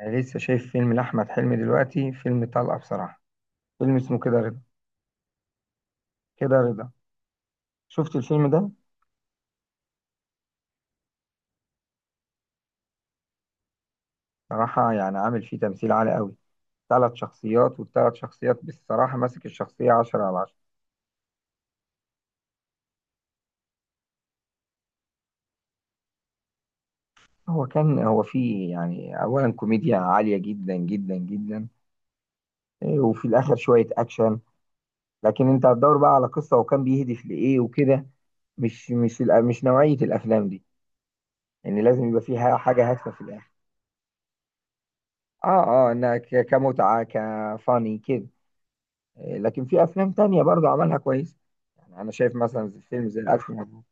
أنا لسه شايف فيلم لأحمد حلمي دلوقتي، فيلم طلقة بصراحة. فيلم اسمه كده رضا. كده رضا، شفت الفيلم ده؟ صراحة يعني عامل فيه تمثيل عالي قوي. ثلاث شخصيات، والثلاث شخصيات بصراحة ماسك الشخصية 10/10. هو فيه يعني أولا كوميديا عالية جدا جدا جدا. وفي الآخر شوية أكشن. لكن أنت هتدور بقى على قصة وكان بيهدف لإيه وكده. مش نوعية الأفلام دي. ان يعني لازم يبقى فيها حاجة هادفة في الآخر. اه. اه، إنها كمتعة كفاني كده. لكن في افلام تانية برضو عملها كويس. يعني انا شايف مثلا فيلم زي الف مبروك.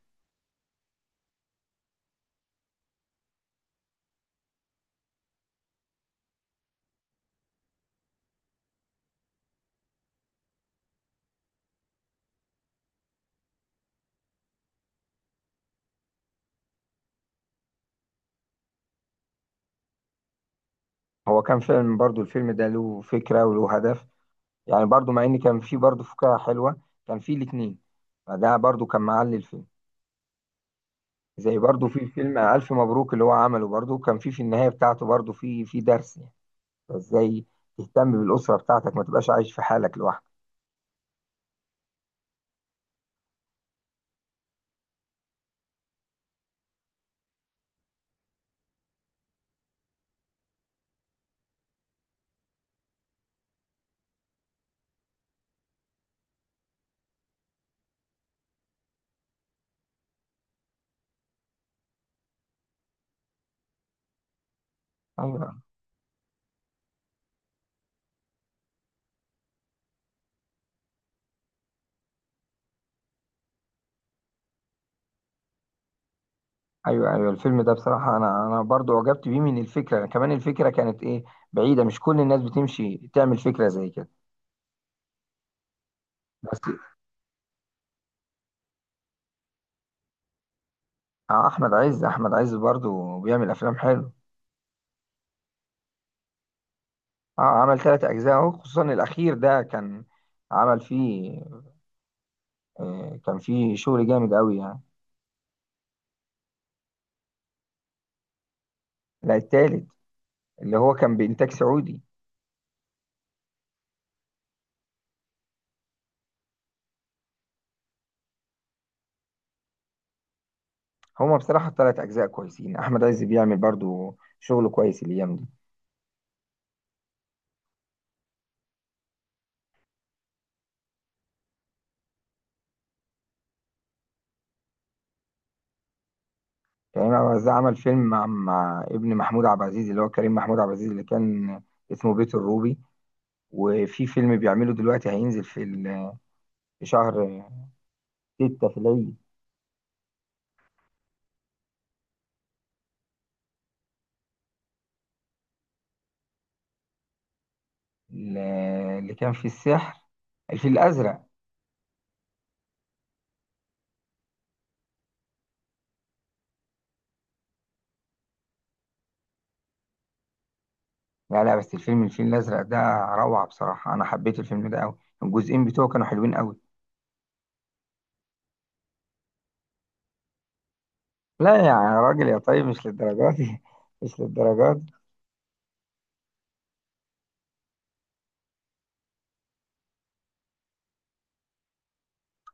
هو كان فيلم، برضو الفيلم ده له فكرة وله هدف. يعني برضو مع ان كان فيه برضو فكاهة حلوة. كان فيه الاتنين، فده برضو كان معلي الفيلم. زي برضو في فيلم الف مبروك اللي هو عمله برضو، كان فيه في النهاية بتاعته برضو فيه درس يعني. ازاي تهتم بالأسرة بتاعتك، ما تبقاش عايش في حالك لوحدك. ايوه، ايوه، ايوه، الفيلم ده بصراحه انا برضو عجبت بيه من الفكره، كمان الفكره كانت ايه؟ بعيده، مش كل الناس بتمشي تعمل فكره زي كده. بس احمد عز برضو بيعمل افلام حلو. اه، عمل ثلاث اجزاء اهو، خصوصا الاخير ده كان. عمل فيه، كان فيه شغل جامد قوي يعني. لا، التالت، اللي هو كان بانتاج سعودي. هما بصراحه الثلاث اجزاء كويسين، احمد عز بيعمل برضو شغل كويس الايام دي. كريم عبد العزيز عمل فيلم مع ابن محمود عبد العزيز اللي هو كريم محمود عبد العزيز، اللي كان اسمه بيت الروبي. وفي فيلم بيعمله دلوقتي هينزل في في شهر ستة في العيد. ل- اللي كان فيه السحر، الفيل الأزرق. لا لا، بس الفيلم الفيل الأزرق ده روعة بصراحة. أنا حبيت الفيلم ده أوي، الجزئين بتوعه كانوا حلوين أوي. لا يعني يا راجل يا طيب، مش للدرجات دي مش للدرجات دي.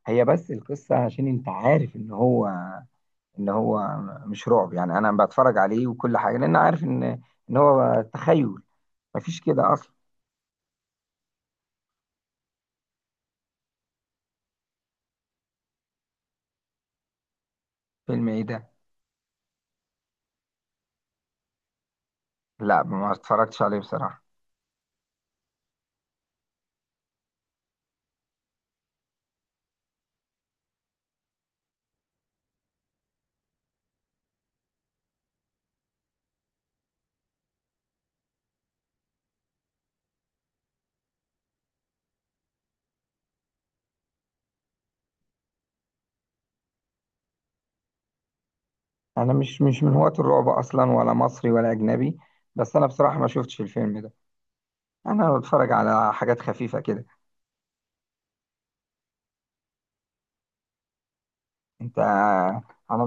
هي بس القصة، عشان أنت عارف إن هو مش رعب يعني. أنا بتفرج عليه وكل حاجة لأن عارف إن، إن هو تخيل، مفيش كده أصلا. فيلم إيه ده؟ لا ما اتفرجتش عليه بصراحة. أنا مش من هواة الرعب أصلا، ولا مصري ولا أجنبي. بس أنا بصراحة ما شفتش الفيلم ده. انا بتفرج على حاجات خفيفه كده. انت انا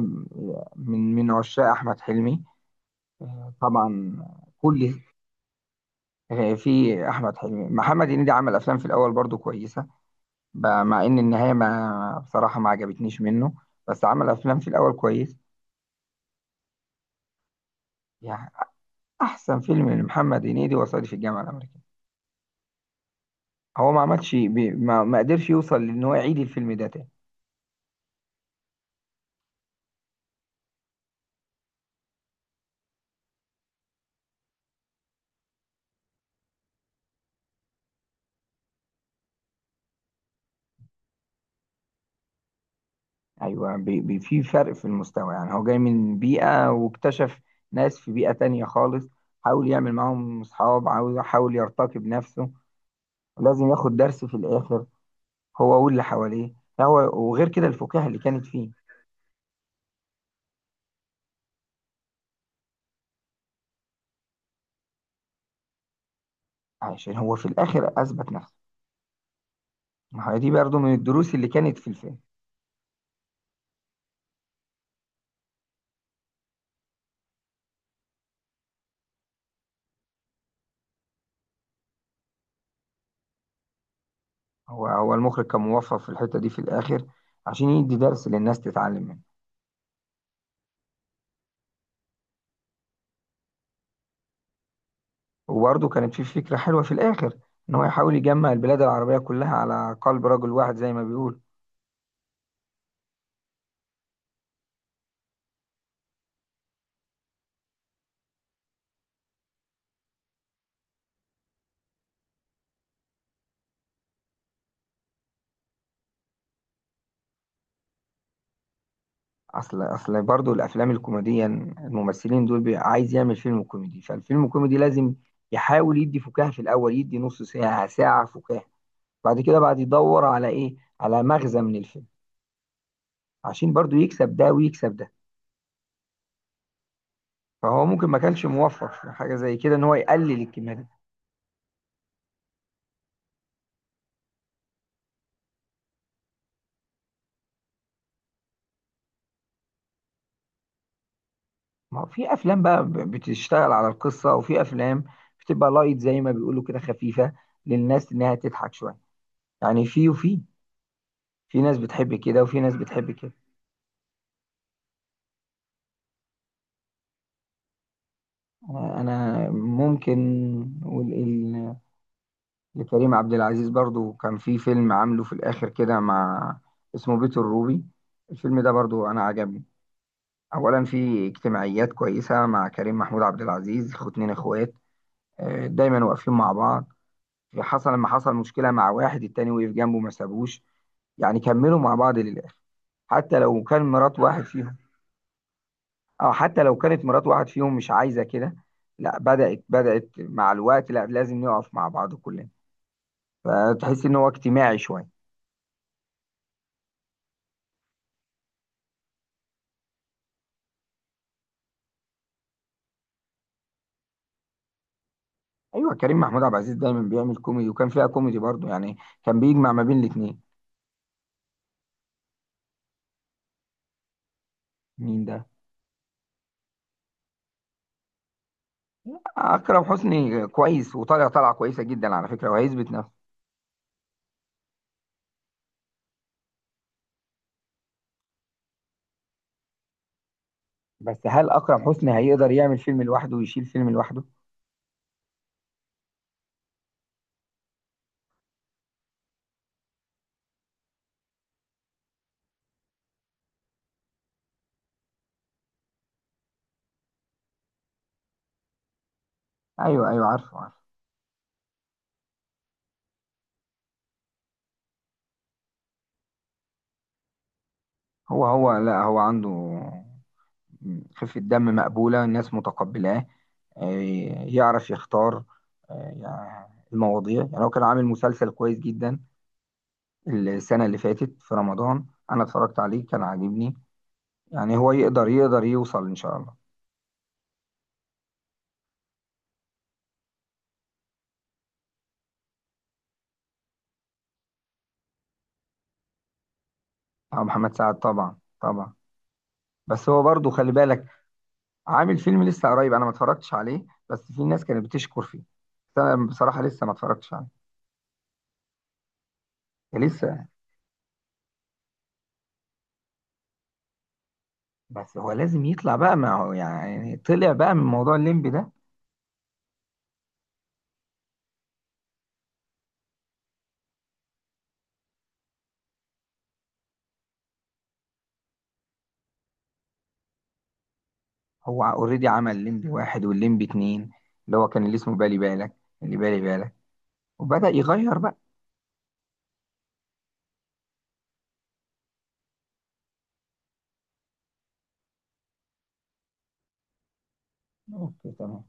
من عشاق احمد حلمي طبعا. كل، في احمد حلمي، محمد هنيدي عمل افلام في الاول برضو كويسه. مع ان النهايه ما بصراحه ما عجبتنيش منه، بس عمل افلام في الاول كويس. يعني احسن فيلم لمحمد هنيدي وصعيدي في الجامعه الامريكيه. هو ما عملش ما قدرش يوصل، لان هو يعيد الفيلم ده تاني. ايوه، بي بي في فرق في المستوى يعني. هو جاي من بيئه واكتشف ناس في بيئه تانية خالص. حاول يعمل معاهم اصحاب، عاوز حاول يرتقي بنفسه. ولازم ياخد درس في الاخر هو واللي حواليه. هو وغير كده الفكاهه اللي كانت فيه. عشان هو في الاخر اثبت نفسه. ما هي دي برضو من الدروس اللي كانت في الفيلم. هو المخرج كان موفق في الحته دي في الاخر، عشان يدي درس للناس تتعلم منه. وبرضه كانت في فكره حلوه في الاخر، ان هو يحاول يجمع البلاد العربيه كلها على قلب رجل واحد زي ما بيقول. اصل برضو الافلام الكوميديه، الممثلين دول عايز يعمل فيلم كوميدي، فالفيلم الكوميدي لازم يحاول يدي فكاهه في الاول، يدي نص ساعه ساعه فكاهه، بعد كده بعد يدور على ايه، على مغزى من الفيلم، عشان برضو يكسب ده ويكسب ده. فهو ممكن ما كانش موفق في حاجه زي كده، ان هو يقلل الكميه دي. ما هو في افلام بقى بتشتغل على القصه، وفي افلام بتبقى لايت زي ما بيقولوا كده، خفيفه للناس انها تضحك شويه. يعني في وفي، في ناس بتحب كده وفي ناس بتحب كده. انا ممكن نقول ايه لكريم عبد العزيز. برضو كان في فيلم عامله في الاخر كده مع، اسمه بيت الروبي. الفيلم ده برضو انا عجبني. اولا في اجتماعيات كويسه مع كريم محمود عبد العزيز، اتنين اخوات دايما واقفين مع بعض. حصل لما حصل مشكله مع واحد، التاني وقف جنبه، ما سابوش، يعني كملوا مع بعض للاخر. حتى لو كان مرات واحد فيهم، او حتى لو كانت مرات واحد فيهم مش عايزه كده. لا بدأت مع الوقت، لا لازم نقف مع بعض كلنا. فتحس ان هو اجتماعي شويه. ايوه، كريم محمود عبد العزيز دايما بيعمل كوميدي، وكان فيها كوميدي برضه يعني. كان بيجمع ما بين الاثنين. مين ده؟ اكرم حسني كويس، وطالع، طالعه كويسه جدا على فكره، وهيثبت نفسه. بس هل اكرم حسني هيقدر يعمل فيلم لوحده ويشيل فيلم لوحده؟ ايوه، ايوه، عارفه عارفه. هو لا، هو عنده خفه دم مقبوله، الناس متقبلاه. يعرف يختار آه، يعني المواضيع. يعني هو كان عامل مسلسل كويس جدا السنة اللي فاتت في رمضان، أنا اتفرجت عليه كان عاجبني. يعني هو يقدر يوصل إن شاء الله. أو محمد سعد، طبعا طبعا. بس هو برضو خلي بالك، عامل فيلم لسه قريب أنا ما اتفرجتش عليه، بس في ناس كانت بتشكر فيه، بس أنا بصراحة لسه ما اتفرجتش عليه. لسه، بس هو لازم يطلع بقى، ما هو يعني طلع بقى من موضوع الليمبي ده. هو اوريدي عمل الليمبي واحد والليمبي اتنين اللي هو كان اللي اسمه بالي بالك، اللي بالي بالك، وبدأ يغير بقى. اوكي تمام.